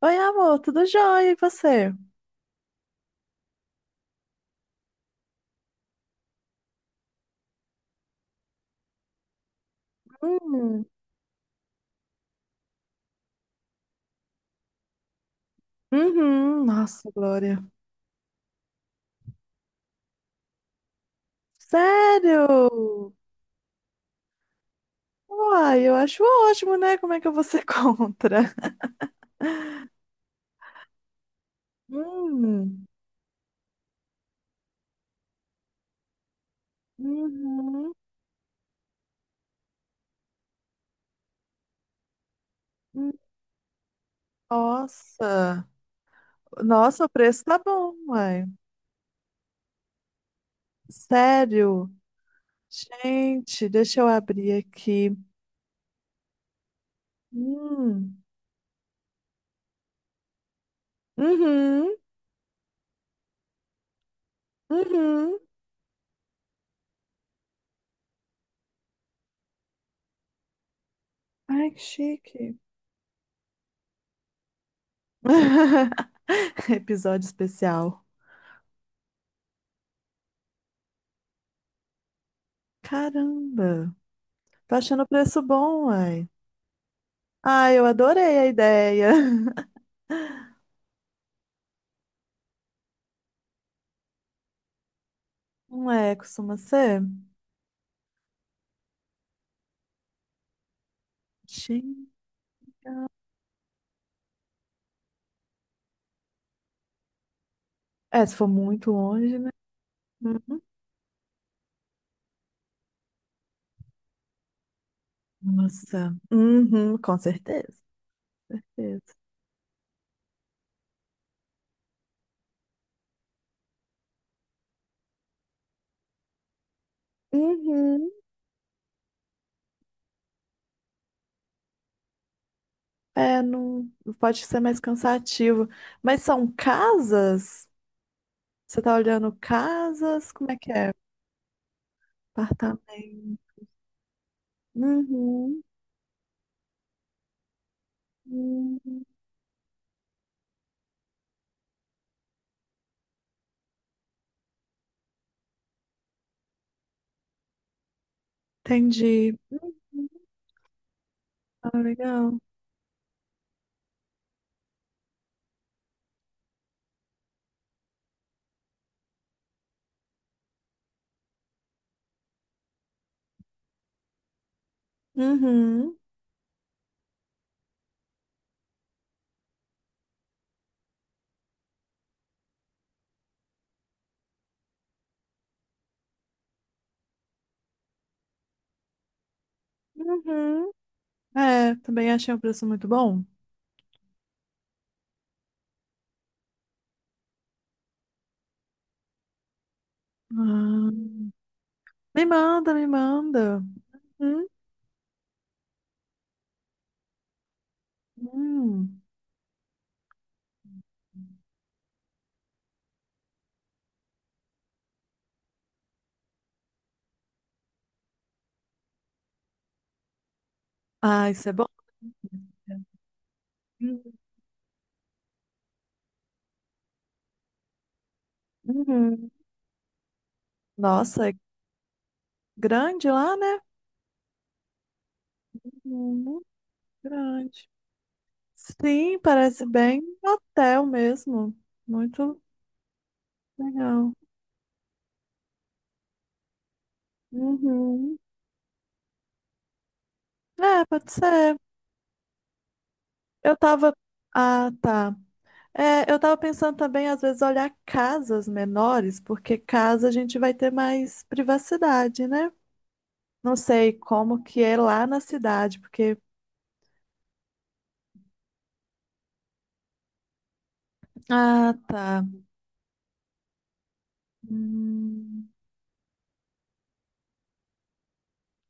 Oi, amor, tudo jóia? E você? Hum, Uhum, nossa, Glória. Sério? Uai, eu acho ótimo, né? Como é que eu vou ser contra? Hum, Uhum. hum, Nossa, nossa, o preço tá bom, uai. Sério? Gente, deixa eu abrir aqui. Hum. Uhum, uhum. Ai, que chique. Episódio especial. Caramba. Tô achando o preço bom, uai. Ah, eu adorei a ideia. Não é, costuma ser? Sim. É, se for muito longe, né? Uhum. Nossa. Uhum, com certeza. Certeza. Uhum. É, não pode ser mais cansativo. Mas são casas? Você tá olhando casas? Como é que é? Apartamento. Uhum. Uhum. Entendi. Uhum. Ah, legal. Uhum. Uhum. É, também achei um preço muito bom. Ah, me manda, me manda. Hum, hum. Ah, isso é bom. Uhum. Uhum. Nossa, é grande lá, né? Muito grande. Sim, parece bem um hotel mesmo. Muito legal. Uhum. É, pode ser. Eu tava. Ah, tá. É, eu tava pensando também, às vezes, olhar casas menores, porque casa a gente vai ter mais privacidade, né? Não sei como que é lá na cidade, porque. Ah, tá. Hum,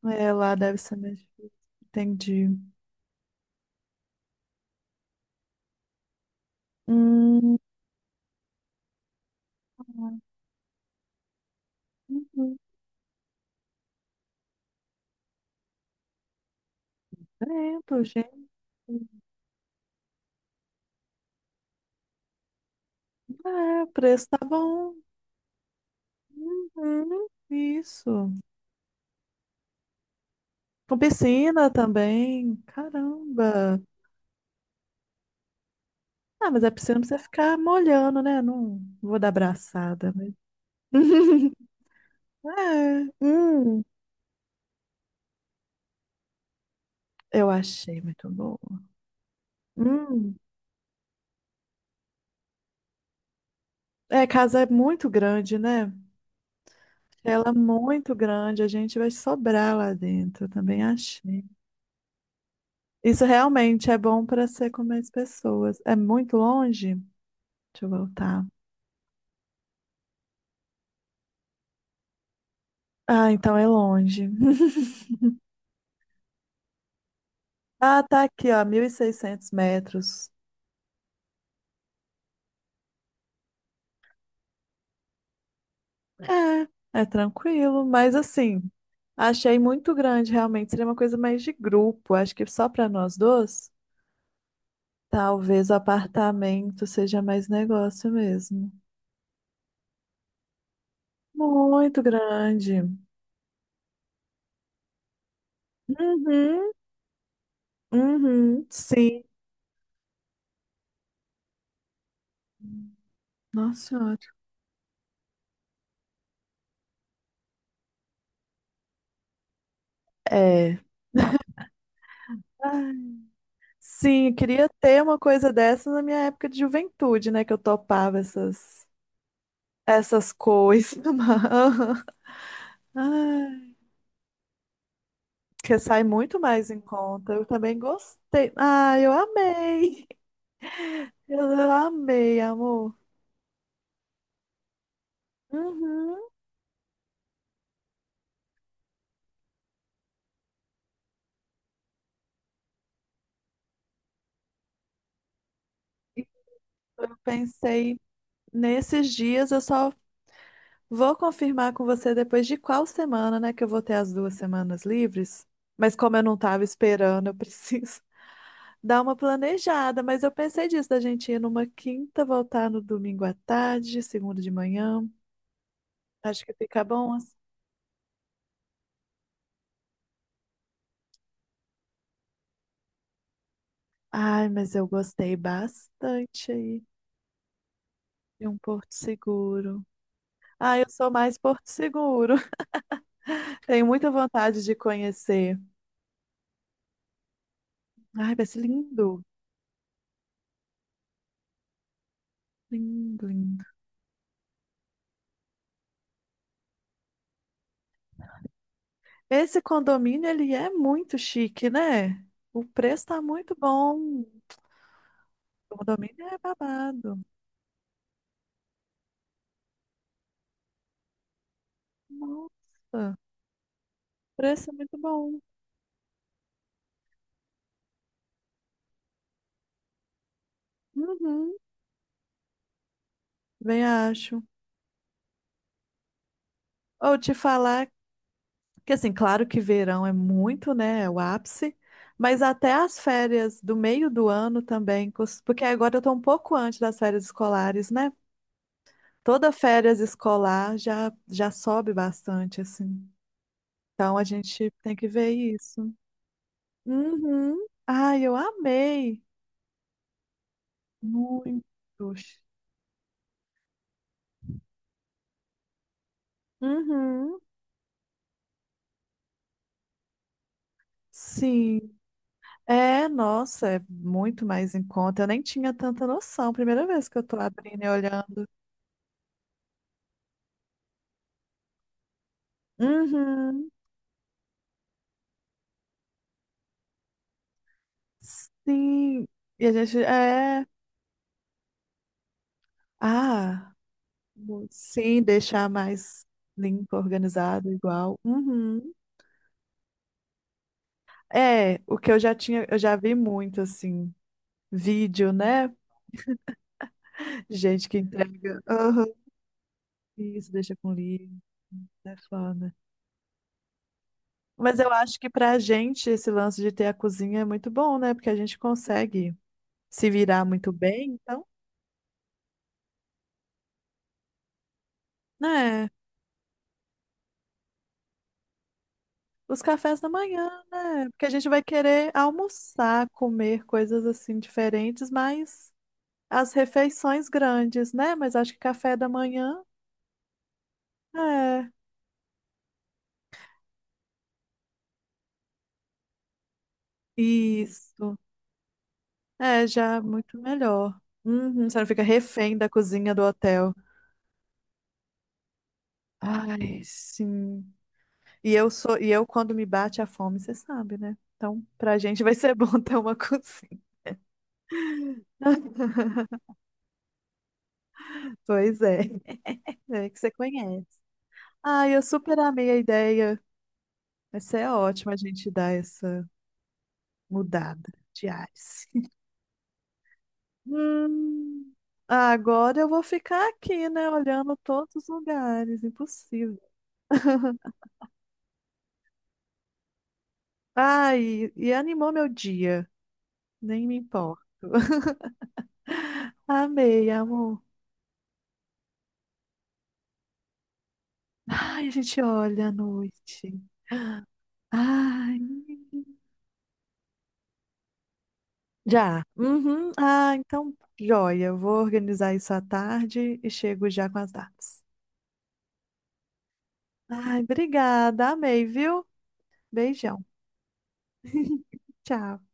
é, lá deve ser mais difícil. Entendi. Hum, uhum. Lembro, gente. É, o preço tá bom. Uhum, isso. Com piscina também. Caramba. Ah, mas a piscina não precisa ficar molhando, né? Não vou dar abraçada, mas. É, eu achei muito boa. Hum, é, casa é muito grande, né? Ela é muito grande, a gente vai sobrar lá dentro, eu também achei. Isso realmente é bom para ser com mais pessoas. É muito longe? Deixa eu voltar. Ah, então é longe. Ah, tá aqui, ó, 1.600 metros. É, é tranquilo, mas assim, achei muito grande, realmente. Seria uma coisa mais de grupo, acho que só para nós dois. Talvez o apartamento seja mais negócio mesmo. Muito grande. Uhum, uhum, sim. Nossa Senhora. É. Ai, sim, eu queria ter uma coisa dessa na minha época de juventude, né? Que eu topava essas, essas coisas. Mas- aham. Ai, que sai muito mais em conta. Eu também gostei. Ah, eu amei. Eu amei, amor. Uhum. Eu pensei nesses dias, eu só vou confirmar com você depois de qual semana, né? Que eu vou ter as 2 semanas livres. Mas como eu não tava esperando, eu preciso. Dá uma planejada, mas eu pensei disso, da gente ir numa quinta, voltar no domingo à tarde, segunda de manhã. Acho que fica bom assim. Ai, mas eu gostei bastante aí de um Porto Seguro. Ah, eu sou mais Porto Seguro. Tenho muita vontade de conhecer. Ai, vai ser lindo. Lindo, lindo. Esse condomínio, ele é muito chique, né? O preço tá muito bom. O condomínio é babado. Nossa, o preço é muito bom. Uhum. Bem, acho. Ou te falar que, assim, claro que verão é muito, né? É o ápice, mas até as férias do meio do ano também, porque agora eu tô um pouco antes das férias escolares, né? Toda férias escolar já, já sobe bastante, assim. Então a gente tem que ver isso. Uhum. Ai, eu amei. Muito. Uhum. Sim. É, nossa, é muito mais em conta. Eu nem tinha tanta noção. Primeira vez que eu tô abrindo e olhando. Uhum. Sim. E a gente é. Ah, sim, deixar mais limpo, organizado, igual. Uhum. É, o que eu já tinha, eu já vi muito assim, vídeo, né? Gente que entrega. Aham, isso, deixa com livro. É foda. Mas eu acho que pra gente esse lance de ter a cozinha é muito bom, né? Porque a gente consegue se virar muito bem, então, né? Os cafés da manhã, né? Porque a gente vai querer almoçar, comer coisas assim diferentes, mas as refeições grandes, né? Mas acho que café da manhã é isso. É, já é muito melhor. Uhum, você não fica refém da cozinha do hotel. Ai, sim. E eu sou, e eu quando me bate a fome, você sabe, né? Então, pra gente vai ser bom ter uma cozinha. Pois é, é que você conhece. Ai, eu super amei a ideia. Mas é ótimo a gente dar essa mudada de ares. Hum, agora eu vou ficar aqui, né, olhando todos os lugares, impossível. Ai, e animou meu dia, nem me importo. Amei, amor. Ai, a gente olha à noite. Ai, já. Uhum. Ah, então, joia. Eu vou organizar isso à tarde e chego já com as datas. Ai, obrigada, amei, viu? Beijão. Tchau.